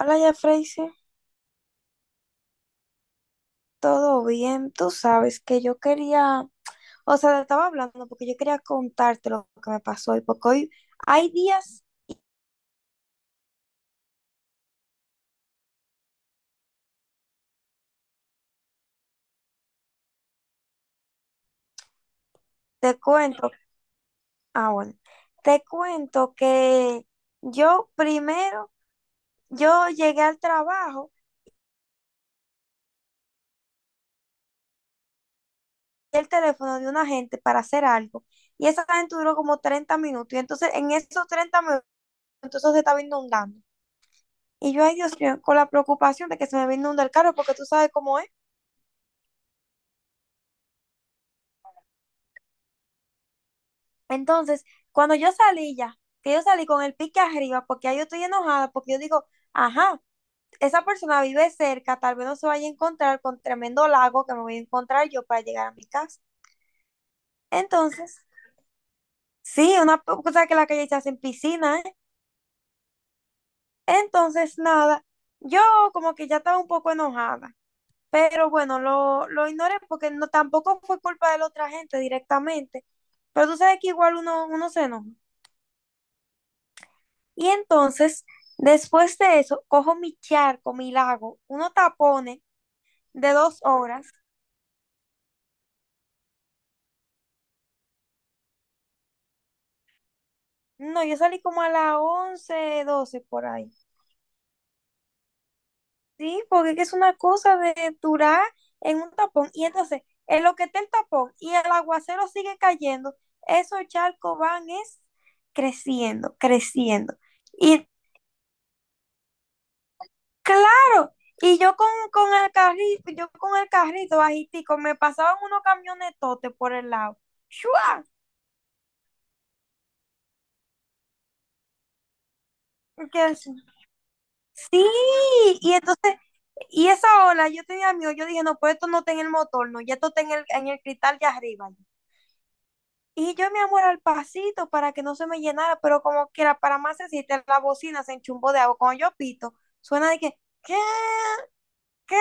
Hola, ya Freisy, ¿todo bien? Tú sabes que yo quería, o sea, te estaba hablando porque yo quería contarte lo que me pasó hoy, porque hoy hay días, te cuento, ah, bueno, te cuento que yo primero, yo llegué al trabajo, y el teléfono de una gente para hacer algo, y esa gente duró como 30 minutos, y entonces en esos 30 minutos eso se estaba inundando. Y yo, ay Dios mío, con la preocupación de que se me va a inundar el carro, porque tú sabes cómo es. Entonces, cuando yo salí ya, que yo salí con el pique arriba, porque ahí yo estoy enojada, porque yo digo, ajá, esa persona vive cerca, tal vez no se vaya a encontrar con tremendo lago que me voy a encontrar yo para llegar a mi casa. Entonces, sí, una cosa que la calle se hace en piscina, ¿eh? Entonces, nada, yo como que ya estaba un poco enojada, pero bueno, lo ignoré porque no, tampoco fue culpa de la otra gente directamente, pero tú sabes que igual uno se enoja. Y entonces, después de eso, cojo mi charco, mi lago, unos tapones de 2 horas. No, yo salí como a las 11 12 por ahí. Sí, porque es que es una cosa de durar en un tapón. Y entonces, en lo que está el tapón y el aguacero sigue cayendo, esos charcos van es creciendo, creciendo. Y claro, y yo con, el carrito, yo con el carrito bajitico, me pasaban unos camionetotes por el lado. ¡Shua! Qué así. Sí, y entonces, y esa ola, yo tenía miedo, yo dije, no, pues esto no está en el motor, no, ya esto está en el cristal de arriba. Y yo, mi amor, al pasito para que no se me llenara, pero como quiera, para más decirte, la bocina se enchumbó de agua. Cuando yo pito, suena de que, ¿qué? ¿Qué?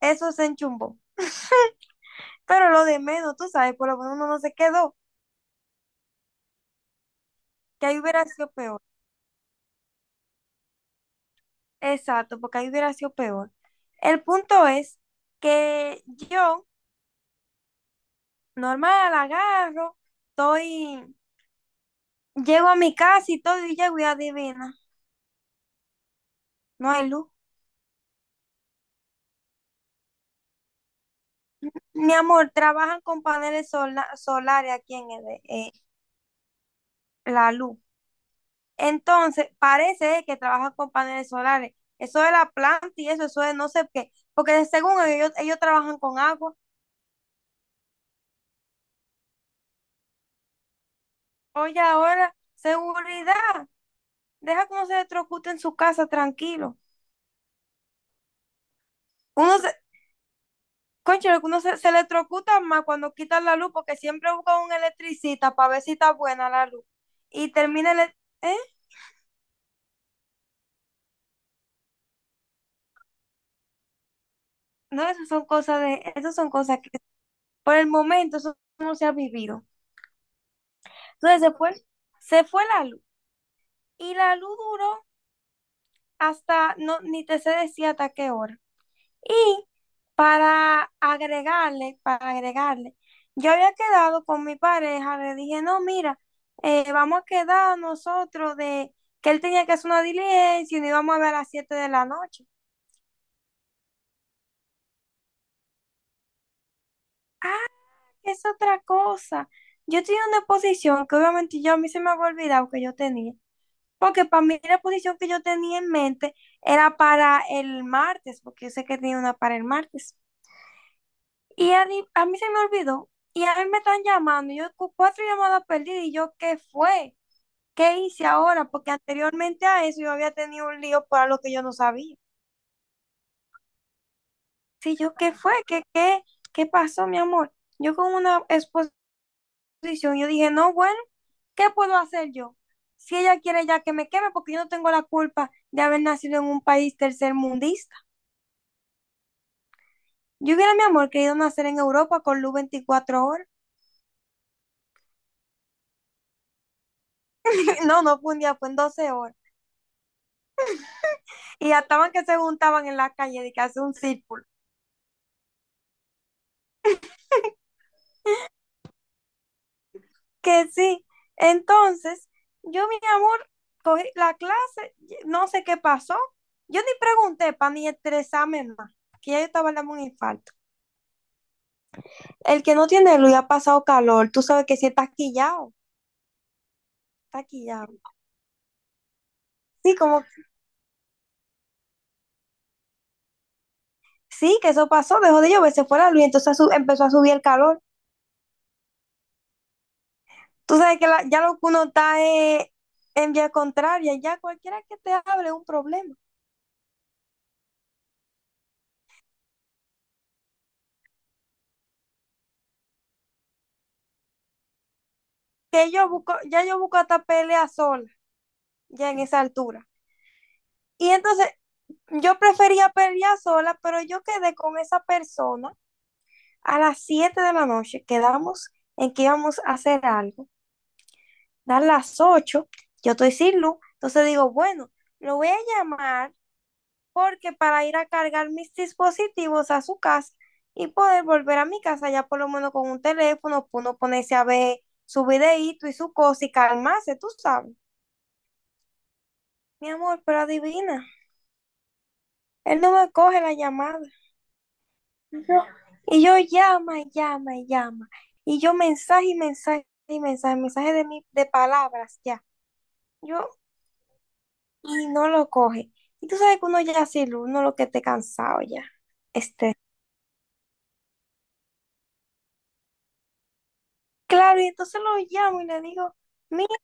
Eso se enchumbó. Pero lo de menos, tú sabes, por lo menos uno no se quedó, que ahí hubiera sido peor. Exacto, porque ahí hubiera sido peor. El punto es que yo normal, agarro, estoy, llego a mi casa y todo, y llego y adivina, no hay luz. Mi amor, trabajan con paneles solares aquí en la luz. Entonces, parece que trabajan con paneles solares. Eso de la planta y eso de no sé qué. Porque según ellos, trabajan con agua. Oye, ahora, seguridad. Deja que uno se electrocute en su casa tranquilo. Uno se- Concho, algunos se electrocutan más cuando quitan la luz porque siempre buscan un electricista para ver si está buena la luz. Y termina ¿eh? No, esas son cosas de... Esas son cosas que por el momento eso no se ha vivido. Entonces se fue la luz. Y la luz duró hasta... No, ni te sé decir hasta qué hora. Y para agregarle, yo había quedado con mi pareja, le dije, no, mira, vamos a quedar nosotros de que él tenía que hacer una diligencia y nos íbamos a ver a las 7 de la noche. Es otra cosa. Yo tenía una posición que obviamente yo a mí se me había olvidado que yo tenía, porque para mí la posición que yo tenía en mente era para el martes, porque yo sé que tenía una para el martes. Y a mí se me olvidó. Y a mí me están llamando. Y yo cuatro llamadas perdidas. Y yo, ¿qué fue? ¿Qué hice ahora? Porque anteriormente a eso yo había tenido un lío para lo que yo no sabía. Sí, yo, ¿qué fue? ¿Qué pasó, mi amor? Yo con una exposición, yo dije, no, bueno, ¿qué puedo hacer yo? Si ella quiere ya que me queme, porque yo no tengo la culpa de haber nacido en un país tercermundista. Yo hubiera, mi amor, querido nacer en Europa con luz 24 horas. No, no fue un día, fue en 12 horas. Y estaban que se juntaban en la calle de que hace un círculo. Que sí. Entonces, yo, mi amor, cogí la clase, no sé qué pasó. Yo ni pregunté para ni estresarme más, que ya yo estaba dando un infarto. El que no tiene luz y ha pasado calor, tú sabes que si está quillado, está quillado. Sí, como, sí, que eso pasó, dejó de llover, se fue la luz, entonces empezó a subir el calor. Tú sabes que ya lo que uno está en vía contraria, ya cualquiera que te hable es un problema. Que yo busco, ya yo busco hasta pelear sola, ya en esa altura. Y entonces yo prefería pelear sola, pero yo quedé con esa persona a las 7 de la noche, quedamos en que íbamos a hacer algo. A las 8 yo estoy sin luz, entonces digo, bueno, lo voy a llamar porque para ir a cargar mis dispositivos a su casa y poder volver a mi casa ya por lo menos con un teléfono, uno ponerse a ver su videíto y su cosa y calmarse, tú sabes. Mi amor, pero adivina, él no me coge la llamada. Yo- y yo llama, y llama, y llama. Y yo mensaje y mensaje y mensaje, mensaje de palabras ya. Yo, y no lo coge. Y tú sabes que uno ya uno lo que esté cansado ya. Este, claro, y entonces lo llamo y le digo, mira,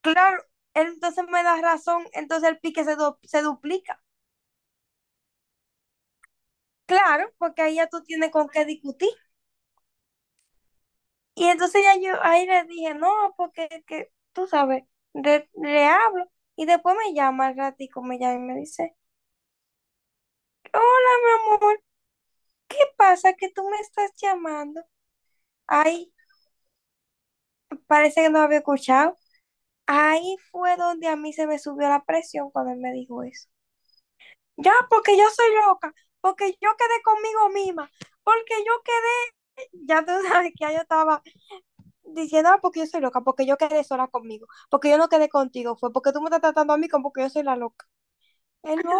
claro, él entonces me da razón, entonces el pique se duplica. Claro, porque ahí ya tú tienes con qué discutir. Y entonces ya yo ahí le dije, no, porque que, tú sabes, le hablo. Y después me llama al ratico, me llama y me dice, hola, mi amor, ¿qué pasa que tú me estás llamando? Ay, parece que no había escuchado. Ahí fue donde a mí se me subió la presión cuando él me dijo eso. Ya, porque yo soy loca, porque yo quedé conmigo misma, porque yo quedé, ya tú sabes que ya yo estaba diciendo, ah, porque yo soy loca, porque yo quedé sola conmigo, porque yo no quedé contigo, fue porque tú me estás tratando a mí como que yo soy la loca. Él no,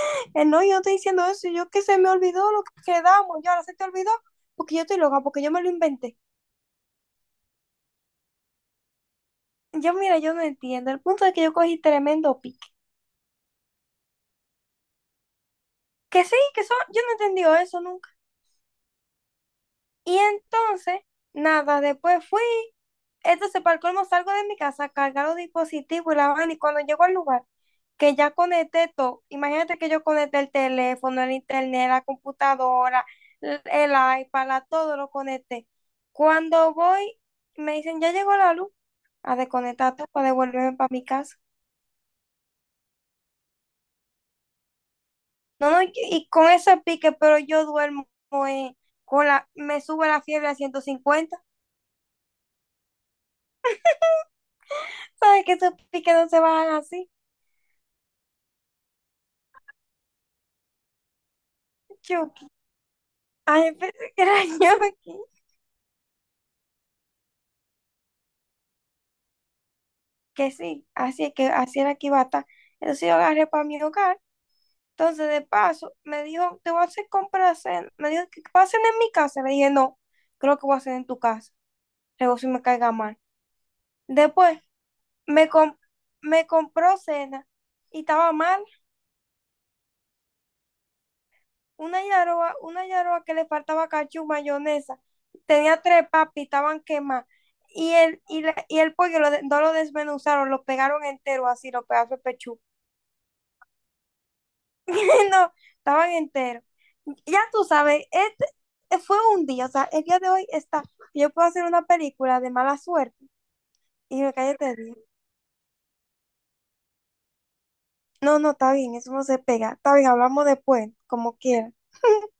él no, yo no estoy diciendo eso, yo que se me olvidó lo que quedamos, yo ahora se te olvidó, porque yo estoy loca, porque yo me lo inventé. Yo, mira, yo no entiendo, el punto es que yo cogí tremendo pique. Que sí, que eso, yo no entendí eso nunca. Y entonces, nada, después fui. Entonces, para el colmo, salgo de mi casa, a cargar los dispositivos y la vaina. Y cuando llego al lugar, que ya conecté todo, imagínate que yo conecté el teléfono, el internet, la computadora, el iPad, todo lo conecté. Cuando voy, me dicen, ya llegó la luz, a desconectar todo para devolverme para mi casa. No, no, y con ese pique, pero yo duermo eh, me sube la fiebre a 150. ¿Sabes que esos piques no se bajan así? Chu. Ay, pensé que era yo aquí. Que sí, así es que así era que iba a estar. Entonces yo agarré para mi hogar. Entonces, de paso, me dijo, te voy a hacer compras. Me dijo, que pasen en mi casa. Le dije, no, creo que voy a hacer en tu casa. Luego si me caiga mal. Después, me, com- me compró cena y estaba mal. Una yaroa que le faltaba cachú, mayonesa. Tenía tres papas y estaban quemadas. Y el pollo no lo desmenuzaron, lo pegaron entero así, los pedazos de pechuga. No, estaban enteros. Ya tú sabes, este fue un día, o sea, el día de hoy está, yo puedo hacer una película de mala suerte y me cállate bien. No, no, está bien, eso no se pega. Está bien, hablamos después, como quiera.